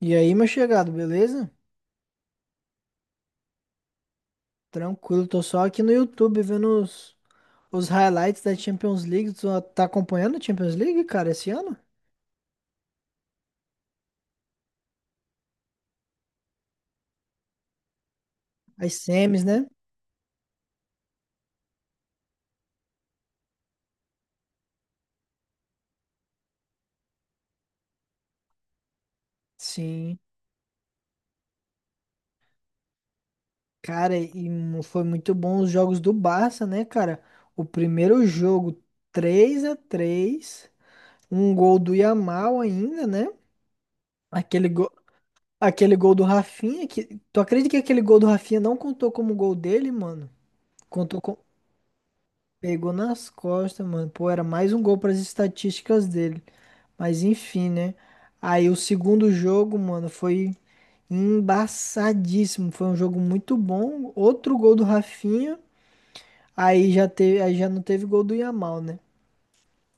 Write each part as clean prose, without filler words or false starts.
E aí, meu chegado, beleza? Tranquilo, tô só aqui no YouTube vendo os highlights da Champions League. Tu tá acompanhando a Champions League, cara, esse ano? As semis, né? Sim. Cara, foi muito bom os jogos do Barça, né, cara? O primeiro jogo, 3 a 3, um gol do Yamal ainda, né? Aquele gol, aquele gol do Rafinha, que tu acredita que aquele gol do Rafinha não contou como gol dele, mano? Contou com... Pegou nas costas, mano. Pô, era mais um gol para as estatísticas dele. Mas enfim, né? Aí o segundo jogo, mano, foi embaçadíssimo. Foi um jogo muito bom. Outro gol do Rafinha. Aí já não teve gol do Yamal, né?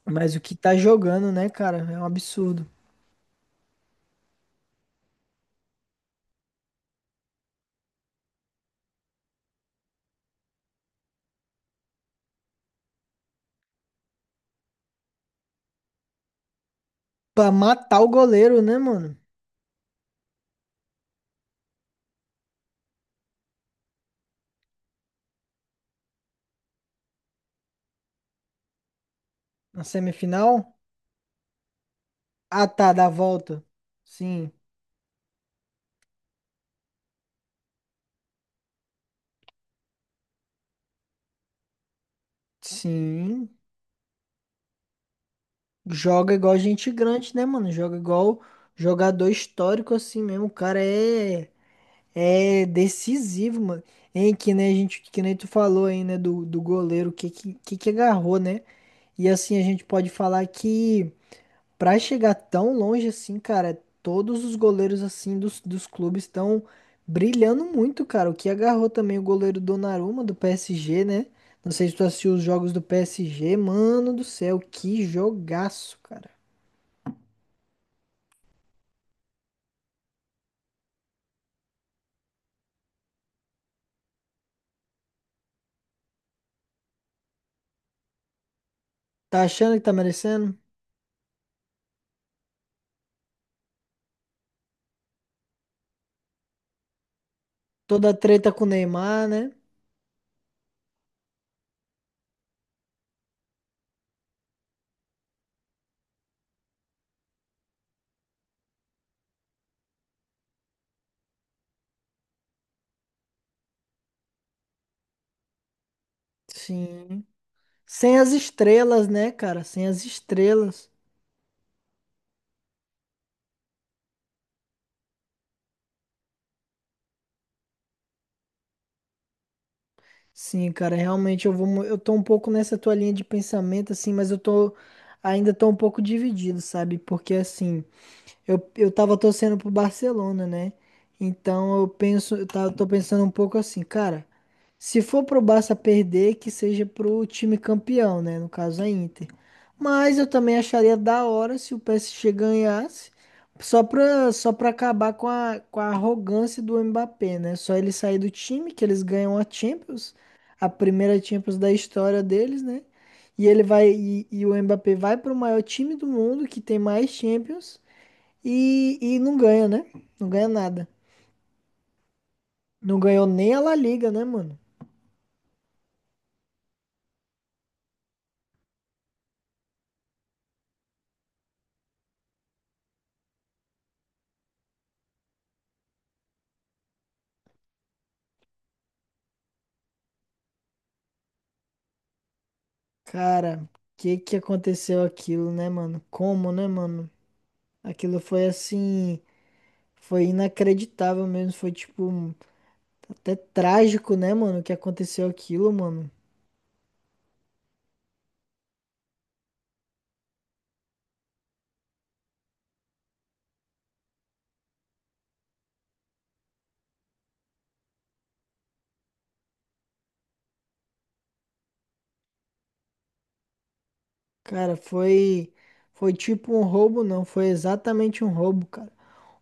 Mas o que tá jogando, né, cara? É um absurdo. Pra matar o goleiro, né, mano? Na semifinal? Ah, tá, da volta. Sim. Sim. Joga igual gente grande, né, mano? Joga igual jogador histórico assim mesmo. É decisivo, mano. Hein, que nem a gente, que nem tu falou aí, né, do goleiro, que agarrou, né? E assim a gente pode falar que pra chegar tão longe assim, cara, todos os goleiros assim dos clubes estão brilhando muito, cara. O que agarrou também o goleiro Donnarumma do PSG, né? Não sei se tu assistiu os jogos do PSG, mano do céu, que jogaço, cara. Tá achando que tá merecendo? Toda a treta com o Neymar, né? Sim. Sem as estrelas, né, cara? Sem as estrelas. Sim, cara, realmente eu tô um pouco nessa tua linha de pensamento assim, mas eu tô ainda tô um pouco dividido, sabe? Porque assim, eu tava torcendo pro Barcelona, né? Então eu penso, tô pensando um pouco assim, cara, se for pro Barça perder, que seja pro time campeão, né? No caso a Inter. Mas eu também acharia da hora se o PSG ganhasse, só pra acabar com com a arrogância do Mbappé, né? Só ele sair do time, que eles ganham a Champions, a primeira Champions da história deles, né? E ele vai e o Mbappé vai para o maior time do mundo que tem mais Champions e não ganha, né? Não ganha nada. Não ganhou nem a La Liga, né, mano? Cara, que aconteceu aquilo, né, mano? Como, né, mano? Aquilo foi assim, foi inacreditável mesmo, foi tipo até trágico, né, mano, que aconteceu aquilo, mano. Cara, foi tipo um roubo, não, foi exatamente um roubo, cara.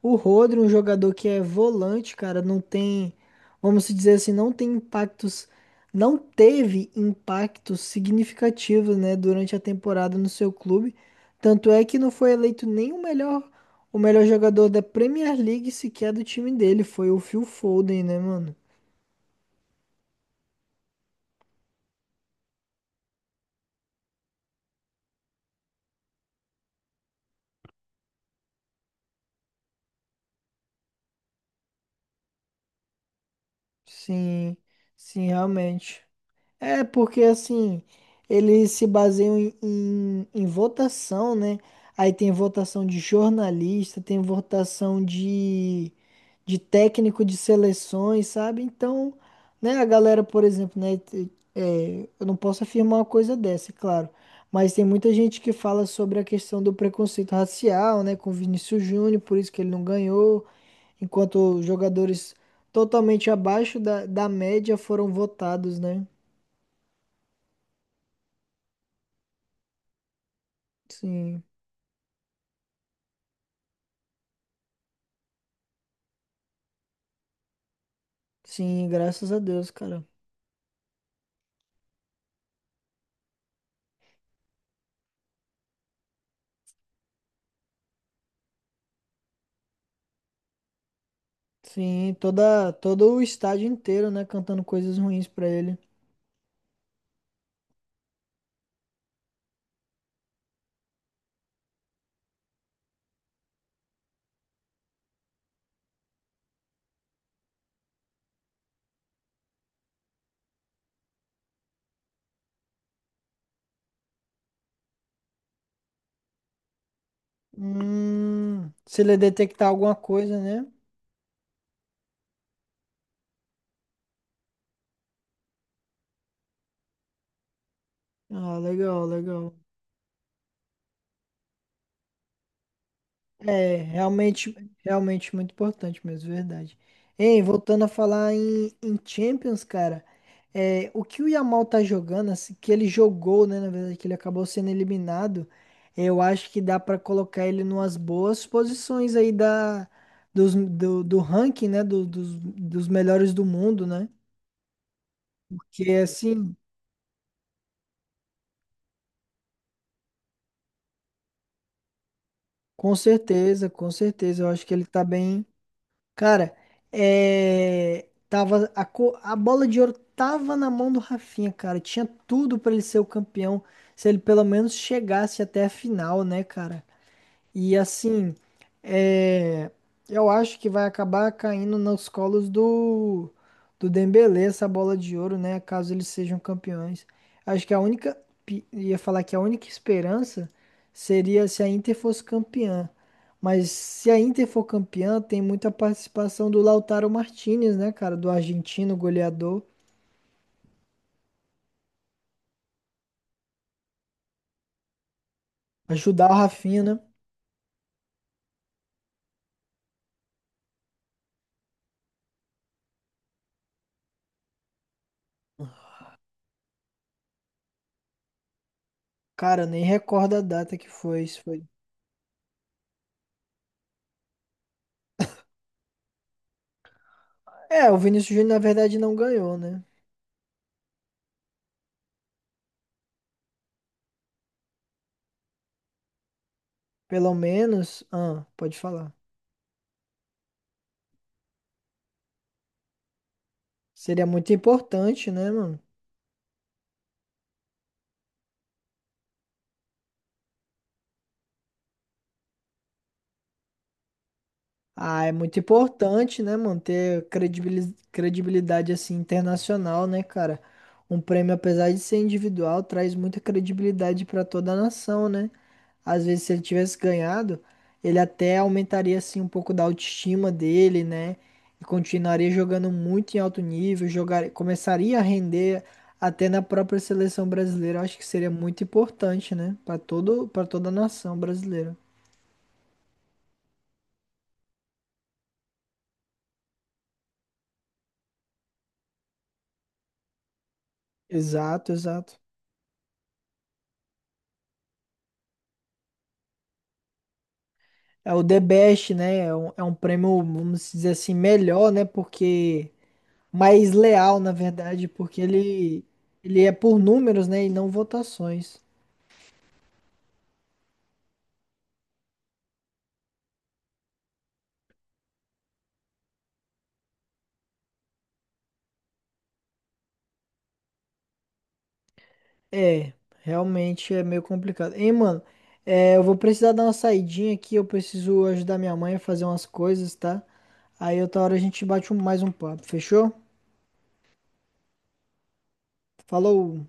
O Rodri, um jogador que é volante, cara, não tem, vamos dizer assim, não tem impactos, não teve impactos significativos, né, durante a temporada no seu clube. Tanto é que não foi eleito nem o melhor jogador da Premier League sequer do time dele, foi o Phil Foden, né, mano? Sim, sim, realmente. É, porque assim, eles se baseiam em votação, né? Aí tem votação de jornalista, tem votação de técnico de seleções, sabe? Então, né, a galera, por exemplo, né? Eu não posso afirmar uma coisa dessa, é claro. Mas tem muita gente que fala sobre a questão do preconceito racial, né? Com o Vinícius Júnior, por isso que ele não ganhou, enquanto jogadores totalmente abaixo da média foram votados, né? Sim, sim, graças a Deus, cara. Sim, todo o estádio inteiro, né, cantando coisas ruins pra ele. Se ele detectar alguma coisa, né? Ah, legal, legal. É, realmente, realmente muito importante mesmo, verdade. Ei, voltando a falar em Champions, cara, é, o que o Yamal tá jogando, assim, que ele jogou, né, na verdade, que ele acabou sendo eliminado, eu acho que dá pra colocar ele numas boas posições aí do ranking, né, dos melhores do mundo, né? Porque assim, com certeza, eu acho que ele tá bem. Cara, é... a bola de ouro tava na mão do Rafinha, cara. Tinha tudo pra ele ser o campeão, se ele pelo menos chegasse até a final, né, cara? E assim, é, eu acho que vai acabar caindo nos colos do, do Dembélé essa bola de ouro, né? Caso eles sejam campeões. Acho que ia falar que a única esperança seria se a Inter fosse campeã. Mas se a Inter for campeã, tem muita participação do Lautaro Martinez, né, cara? Do argentino goleador. Ajudar o Rafinha, né? Cara, nem recordo a data que foi. Isso foi. É, o Vinícius Júnior, na verdade, não ganhou, né? Pelo menos, ah, pode falar. Seria muito importante, né, mano? Ah, é muito importante, né, manter credibilidade assim internacional, né, cara? Um prêmio, apesar de ser individual, traz muita credibilidade para toda a nação, né? Às vezes, se ele tivesse ganhado, ele até aumentaria assim um pouco da autoestima dele, né? E continuaria jogando muito em alto nível, jogar, começaria a render até na própria seleção brasileira. Eu acho que seria muito importante, né, para toda a nação brasileira. Exato, exato. É o The Best, né? É um prêmio, vamos dizer assim, melhor, né? Porque mais leal, na verdade, porque ele é por números, né? E não votações. É, realmente é meio complicado. Hein, mano? É, eu vou precisar dar uma saidinha aqui. Eu preciso ajudar minha mãe a fazer umas coisas, tá? Aí outra hora a gente bate mais um papo, fechou? Falou!